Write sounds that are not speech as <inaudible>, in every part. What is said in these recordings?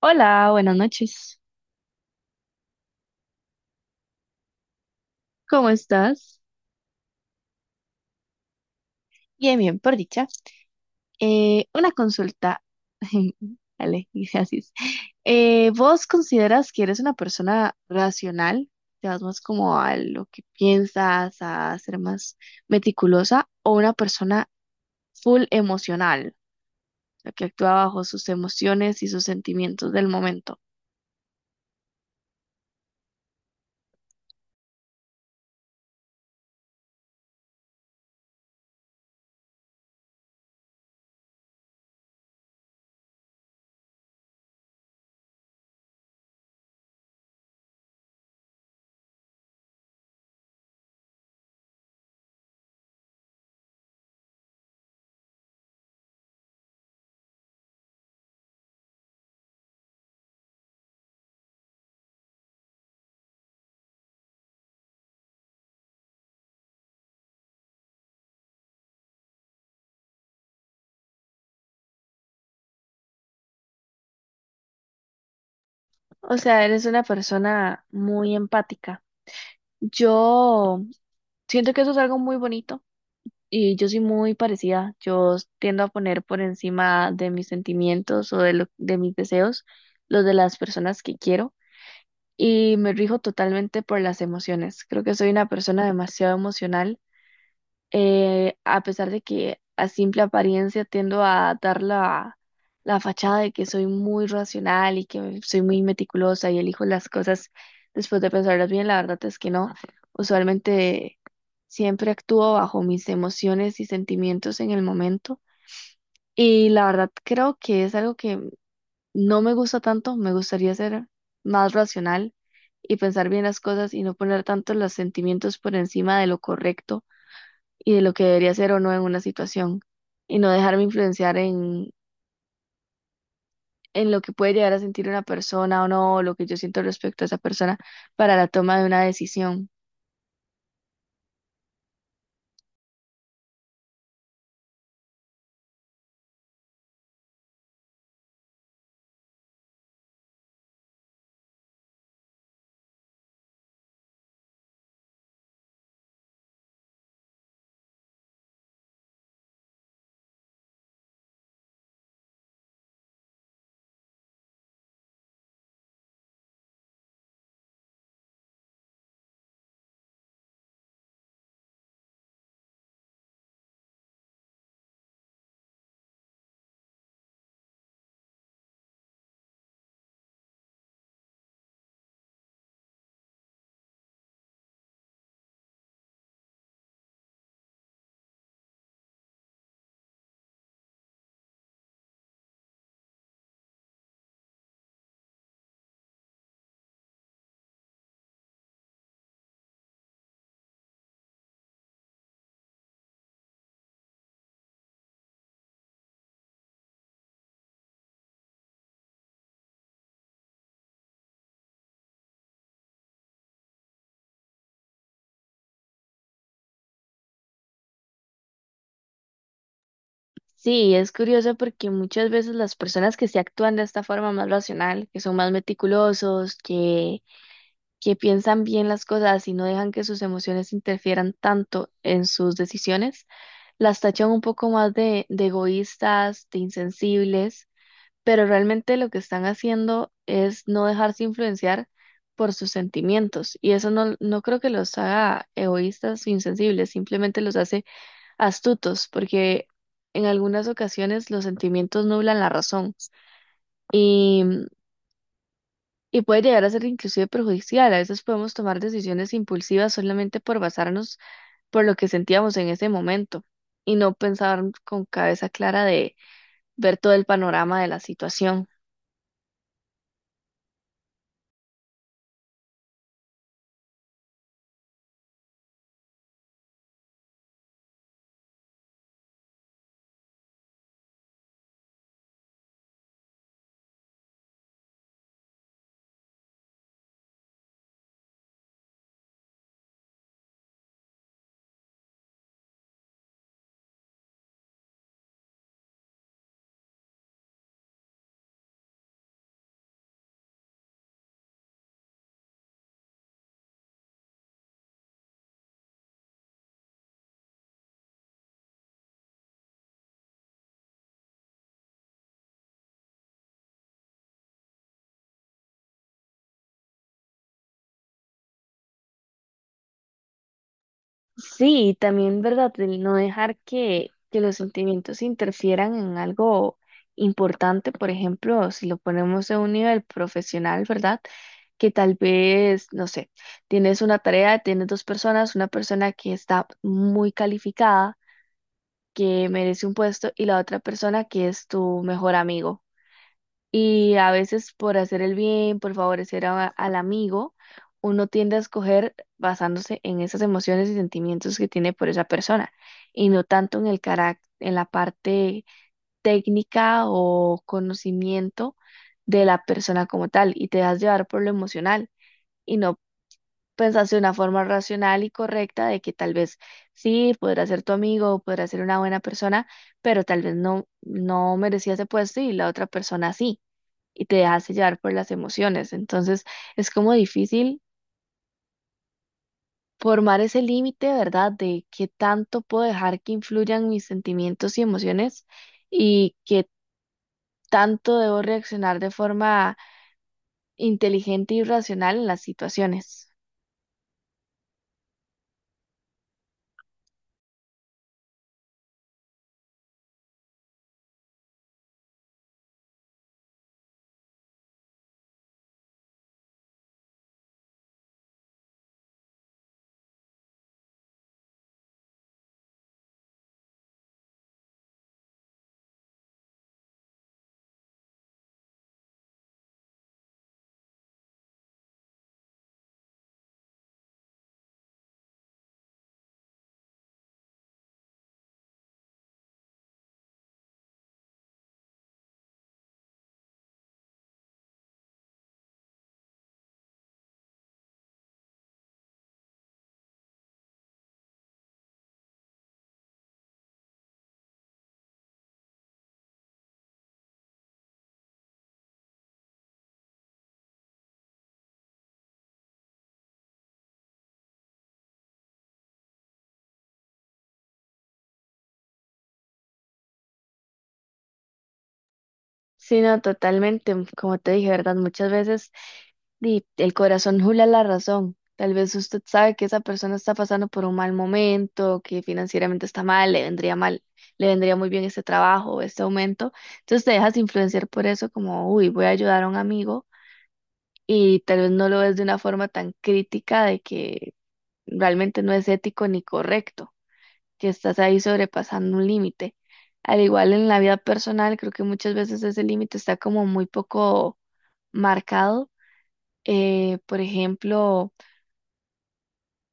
Hola, buenas noches. ¿Cómo estás? Bien, bien, por dicha. Una consulta. <laughs> Vale, gracias. ¿Vos consideras que eres una persona racional? ¿Te vas más como a lo que piensas, a ser más meticulosa, o una persona full emocional, la que actúa bajo sus emociones y sus sentimientos del momento? O sea, eres una persona muy empática. Yo siento que eso es algo muy bonito. Y yo soy muy parecida. Yo tiendo a poner por encima de mis sentimientos o de mis deseos los de las personas que quiero y me rijo totalmente por las emociones. Creo que soy una persona demasiado emocional, a pesar de que a simple apariencia tiendo a dar la fachada de que soy muy racional y que soy muy meticulosa y elijo las cosas después de pensarlas bien, la verdad es que no. Usualmente siempre actúo bajo mis emociones y sentimientos en el momento. Y la verdad creo que es algo que no me gusta tanto, me gustaría ser más racional y pensar bien las cosas y no poner tanto los sentimientos por encima de lo correcto y de lo que debería ser o no en una situación y no dejarme influenciar en lo que puede llegar a sentir una persona o no, o lo que yo siento respecto a esa persona para la toma de una decisión. Sí, es curioso porque muchas veces las personas que se actúan de esta forma más racional, que son más meticulosos, que piensan bien las cosas y no dejan que sus emociones interfieran tanto en sus decisiones, las tachan un poco más de egoístas, de insensibles, pero realmente lo que están haciendo es no dejarse influenciar por sus sentimientos y eso, no, no creo que los haga egoístas o insensibles, simplemente los hace astutos porque en algunas ocasiones los sentimientos nublan la razón y, y puede llegar a ser inclusive perjudicial. A veces podemos tomar decisiones impulsivas solamente por basarnos por lo que sentíamos en ese momento y no pensar con cabeza clara de ver todo el panorama de la situación. Sí, y también, ¿verdad? El no dejar que los sentimientos interfieran en algo importante, por ejemplo, si lo ponemos a un nivel profesional, ¿verdad? Que tal vez, no sé, tienes una tarea, tienes dos personas, una persona que está muy calificada, que merece un puesto, y la otra persona que es tu mejor amigo. Y a veces por hacer el bien, por favorecer al amigo, uno tiende a escoger basándose en esas emociones y sentimientos que tiene por esa persona y no tanto en en la parte técnica o conocimiento de la persona como tal y te dejas llevar por lo emocional y no pensás de una forma racional y correcta de que tal vez sí, podrá ser tu amigo, podrá ser una buena persona, pero tal vez no merecía ese puesto y la otra persona sí y te dejas llevar por las emociones. Entonces es como difícil formar ese límite, ¿verdad? De qué tanto puedo dejar que influyan mis sentimientos y emociones y qué tanto debo reaccionar de forma inteligente y racional en las situaciones. Sí, no, totalmente. Como te dije, ¿verdad? Muchas veces di, el corazón jula la razón. Tal vez usted sabe que esa persona está pasando por un mal momento, que financieramente está mal, le vendría muy bien este trabajo, este aumento. Entonces te dejas influenciar por eso como, uy, voy a ayudar a un amigo y tal vez no lo ves de una forma tan crítica de que realmente no es ético ni correcto que estás ahí sobrepasando un límite. Al igual en la vida personal, creo que muchas veces ese límite está como muy poco marcado. Por ejemplo,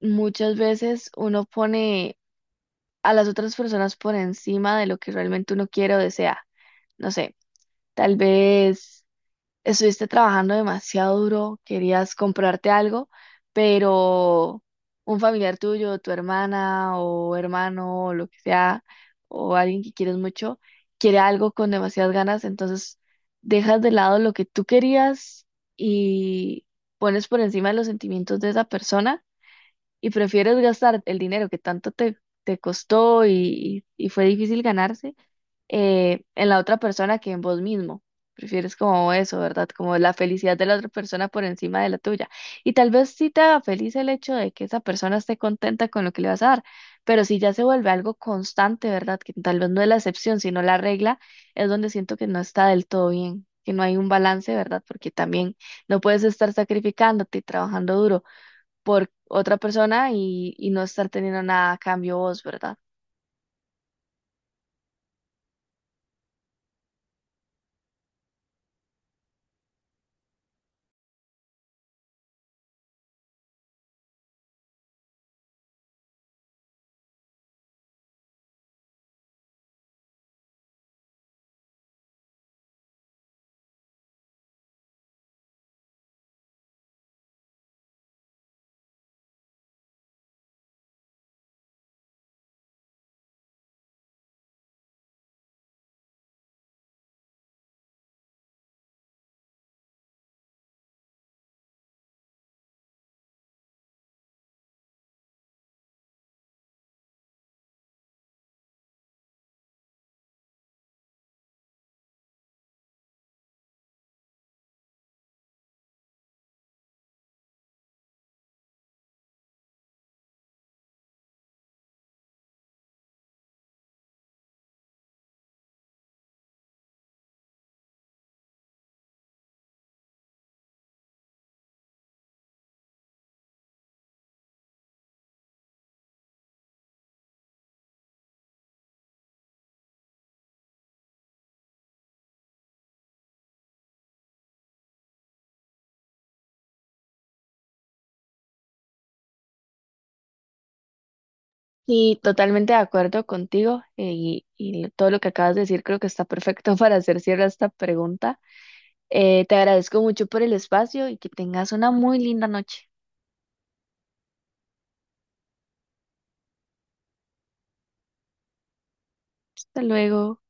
muchas veces uno pone a las otras personas por encima de lo que realmente uno quiere o desea. No sé, tal vez estuviste trabajando demasiado duro, querías comprarte algo, pero un familiar tuyo, tu hermana o hermano o lo que sea, o alguien que quieres mucho, quiere algo con demasiadas ganas, entonces dejas de lado lo que tú querías y pones por encima los sentimientos de esa persona y prefieres gastar el dinero que tanto te costó y fue difícil ganarse, en la otra persona que en vos mismo. Prefieres como eso, ¿verdad? Como la felicidad de la otra persona por encima de la tuya. Y tal vez sí te haga feliz el hecho de que esa persona esté contenta con lo que le vas a dar, pero si ya se vuelve algo constante, ¿verdad? Que tal vez no es la excepción, sino la regla, es donde siento que no está del todo bien, que no hay un balance, ¿verdad? Porque también no puedes estar sacrificándote y trabajando duro por otra persona y no estar teniendo nada a cambio vos, ¿verdad? Y totalmente de acuerdo contigo, y todo lo que acabas de decir creo que está perfecto <laughs> para hacer cierre a esta pregunta. Te agradezco mucho por el espacio y que tengas una muy linda noche. Hasta luego.